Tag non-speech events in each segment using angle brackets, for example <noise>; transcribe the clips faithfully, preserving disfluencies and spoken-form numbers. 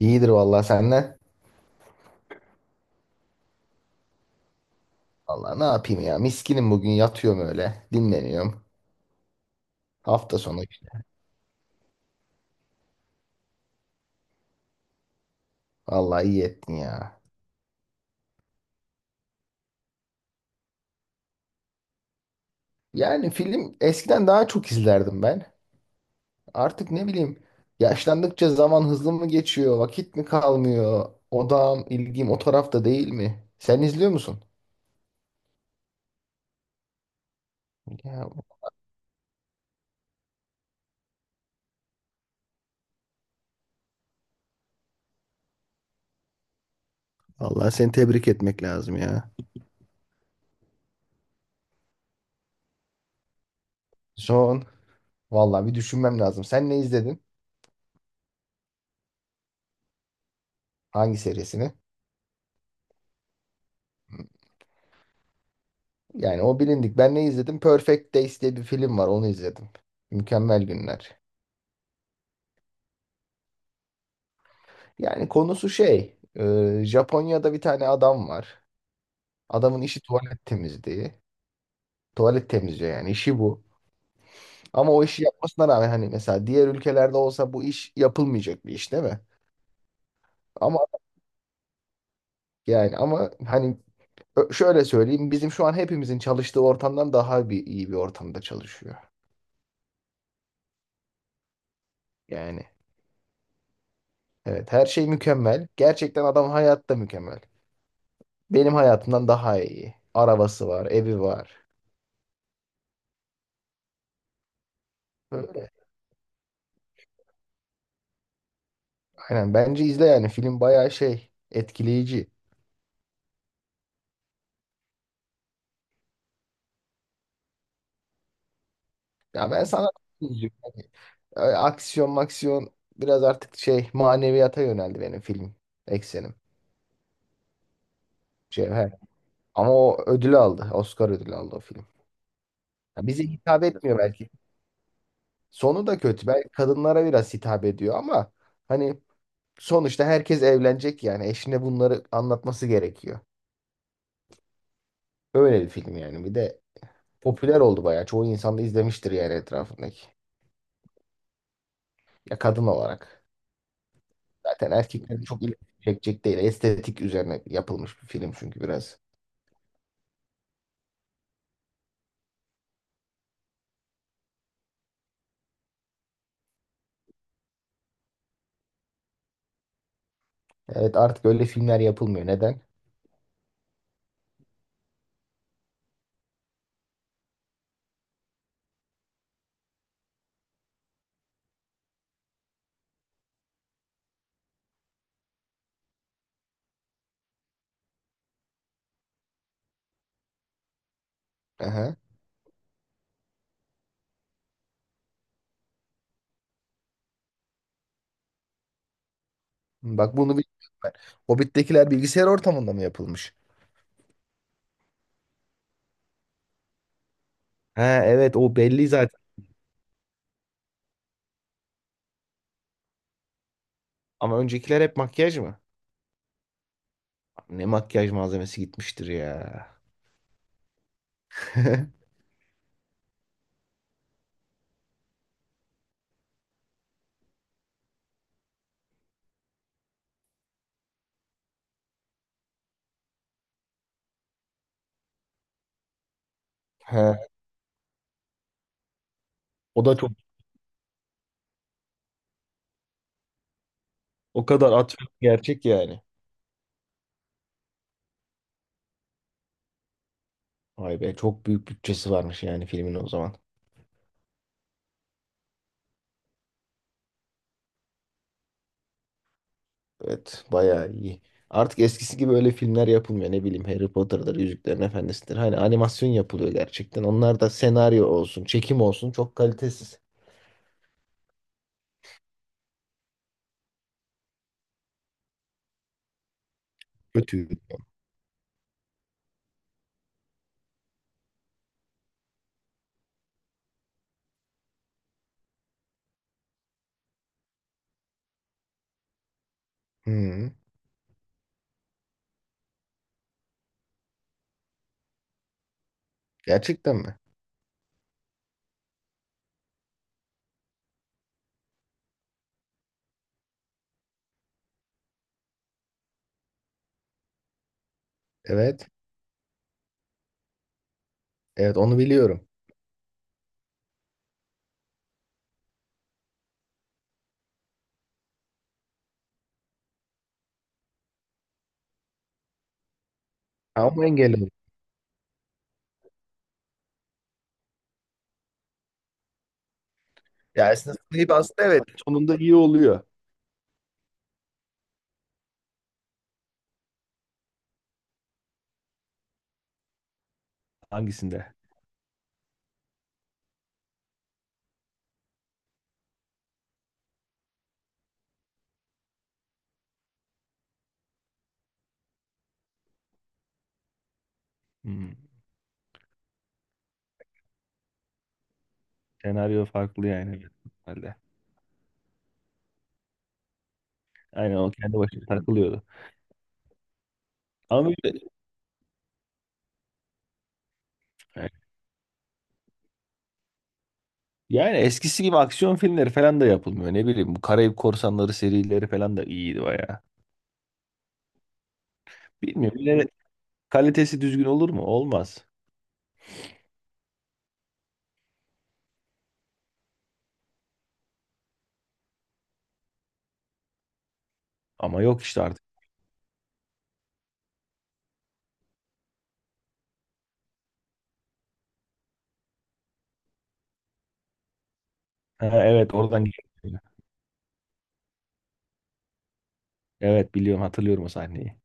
İyidir vallahi senden. Vallahi ne yapayım ya? Miskinim bugün yatıyorum öyle. Dinleniyorum. Hafta sonu. Vallahi iyi ettin ya. Yani film eskiden daha çok izlerdim ben. Artık ne bileyim, yaşlandıkça zaman hızlı mı geçiyor? Vakit mi kalmıyor? Odağım, ilgim o tarafta değil mi? Sen izliyor musun? Ya vallahi seni tebrik etmek lazım ya. Son. Vallahi bir düşünmem lazım. Sen ne izledin? Hangi serisini? Yani o bilindik. Ben ne izledim? Perfect Days diye bir film var. Onu izledim. Mükemmel günler. Yani konusu şey. e, Japonya'da bir tane adam var. Adamın işi tuvalet temizliği. Tuvalet temizliyor yani. İşi bu. Ama o işi yapmasına rağmen hani mesela diğer ülkelerde olsa bu iş yapılmayacak bir iş, değil mi? Ama yani ama hani ö- şöyle söyleyeyim. Bizim şu an hepimizin çalıştığı ortamdan daha bir iyi bir ortamda çalışıyor. Yani evet, her şey mükemmel. Gerçekten adam hayatta mükemmel. Benim hayatımdan daha iyi. Arabası var, evi var. Böyle. Aynen, bence izle yani. Film bayağı şey etkileyici. Ya ben sana izliyorum. Hani, e, aksiyon maksiyon biraz artık şey maneviyata yöneldi benim film eksenim. Cevher. Ama o ödül aldı. Oscar ödülü aldı o film. Ya bize hitap etmiyor belki. Sonu da kötü. Belki kadınlara biraz hitap ediyor ama hani sonuçta herkes evlenecek yani. Eşine bunları anlatması gerekiyor. Öyle bir film yani. Bir de popüler oldu bayağı. Çoğu insan da izlemiştir yani, etrafındaki. Ya, kadın olarak. Zaten erkeklerin çok ilgi çekecek değil. Estetik üzerine yapılmış bir film çünkü biraz. Evet, artık öyle filmler yapılmıyor. Neden? Aha. Bak, bunu bilmiyorum ben. Hobbit'tekiler bilgisayar ortamında mı yapılmış? Ha evet, o belli zaten. Ama öncekiler hep makyaj mı? Abi, ne makyaj malzemesi gitmiştir ya. <laughs> He, o da çok o kadar atfet gerçek yani. Vay be, çok büyük bütçesi varmış yani filmin o zaman. Evet, bayağı iyi. Artık eskisi gibi öyle filmler yapılmıyor, ne bileyim, Harry Potter'dır, Yüzüklerin Efendisi'dir. Hani animasyon yapılıyor gerçekten. Onlar da senaryo olsun, çekim olsun çok kalitesiz. Kötü. Hı, gerçekten mi? Evet. Evet, onu biliyorum. Ama engel oldu. Ya, esnasında iyi aslında, evet. Sonunda iyi oluyor. Hangisinde? Hmm. Senaryo farklı yani, büyük ihtimalle. Aynen, o kendi başına takılıyordu. Ama böyle, yani eskisi gibi aksiyon filmleri falan da yapılmıyor. Ne bileyim, bu Karayip Korsanları serileri falan da iyiydi bayağı. Bilmiyorum, yine kalitesi düzgün olur mu? Olmaz. Ama yok işte artık. Ha evet, oradan geliyor. Evet biliyorum, hatırlıyorum o sahneyi.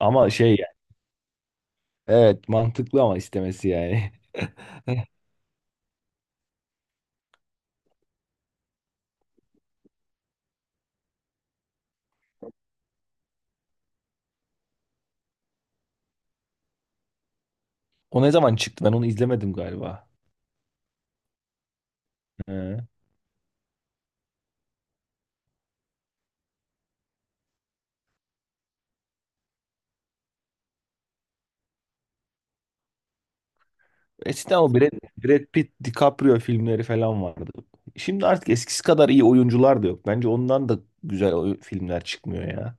Ama şey yani, evet mantıklı ama istemesi yani. <laughs> O ne zaman çıktı? Ben onu izlemedim galiba. He. Eskiden o Brad, Brad Pitt, DiCaprio filmleri falan vardı. Şimdi artık eskisi kadar iyi oyuncular da yok. Bence ondan da güzel oy- filmler çıkmıyor ya.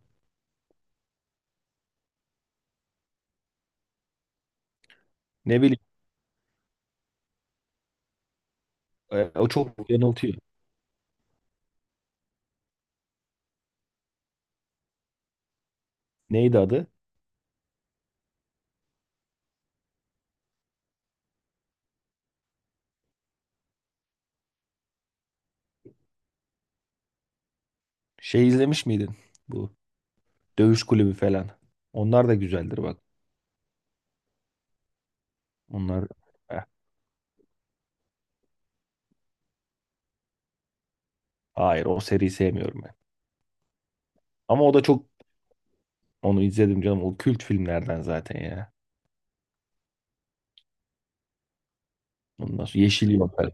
Ne bileyim, e, o çok yanıltıyor. Neydi adı? Şey izlemiş miydin? Bu Dövüş Kulübü falan. Onlar da güzeldir bak. Onlar Eh, hayır, o seriyi sevmiyorum ben. Ama o da çok onu izledim canım. O kült filmlerden zaten ya. Ondan sonra Yeşil Yol falan.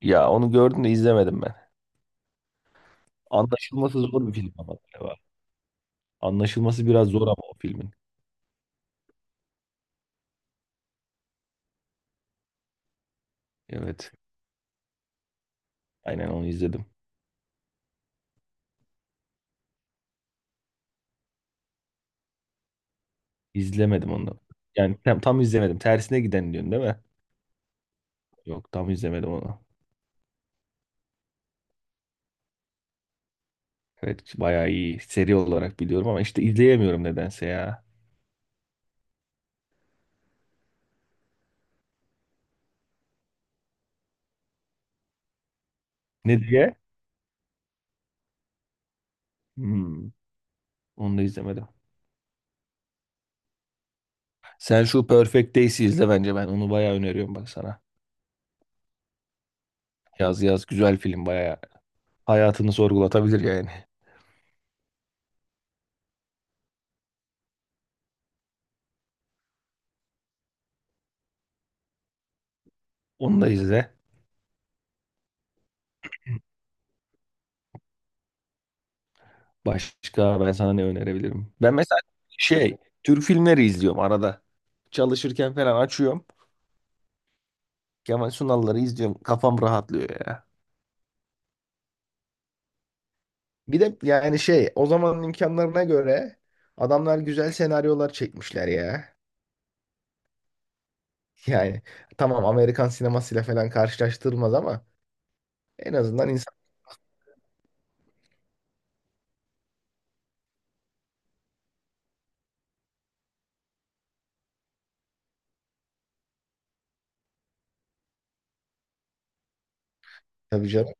Ya, onu gördüm de izlemedim ben. Anlaşılması zor bir film ama galiba. Anlaşılması biraz zor ama o filmin. Evet. Aynen, onu izledim. İzlemedim onu. Yani tam, tam izlemedim. Tersine giden diyorsun, değil mi? Yok, tam izlemedim onu. Evet, bayağı iyi. Seri olarak biliyorum ama işte izleyemiyorum nedense ya. Ne diye? Hmm, onu da izlemedim. Sen şu Perfect Days'i izle bence. Ben onu bayağı öneriyorum bak sana. Yaz yaz, güzel film bayağı. Hayatını sorgulatabilir yani. Onu da izle. Başka ben sana ne önerebilirim? Ben mesela şey Türk filmleri izliyorum arada. Çalışırken falan açıyorum. Kemal Sunal'ları izliyorum. Kafam rahatlıyor ya. Bir de yani şey o zamanın imkanlarına göre adamlar güzel senaryolar çekmişler ya. <laughs> Yani tamam, Amerikan sinemasıyla falan karşılaştırılmaz ama en azından insan, tabii canım.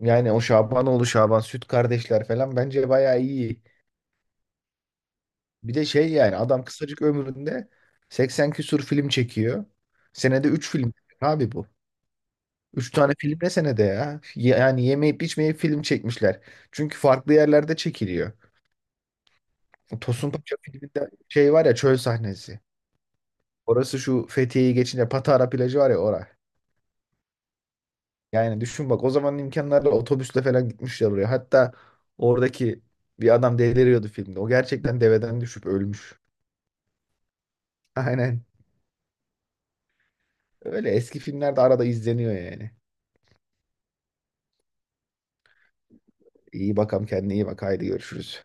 Yani o Şabanoğlu Şaban, Süt Kardeşler falan bence bayağı iyi. Bir de şey yani adam kısacık ömründe seksen küsur film çekiyor. Senede üç film çekiyor abi bu. Üç tane film ne senede ya? Yani yemeyip içmeyip film çekmişler. Çünkü farklı yerlerde çekiliyor. Tosun Paşa filminde şey var ya, çöl sahnesi. Orası şu Fethiye'yi geçince Patara plajı var ya, oraya. Yani düşün bak, o zamanın imkanlarla otobüsle falan gitmişler oraya. Hatta oradaki bir adam deliriyordu filmde. O gerçekten deveden düşüp ölmüş. Aynen. Öyle eski filmlerde arada izleniyor yani. İyi bakalım, kendine iyi bak, haydi görüşürüz.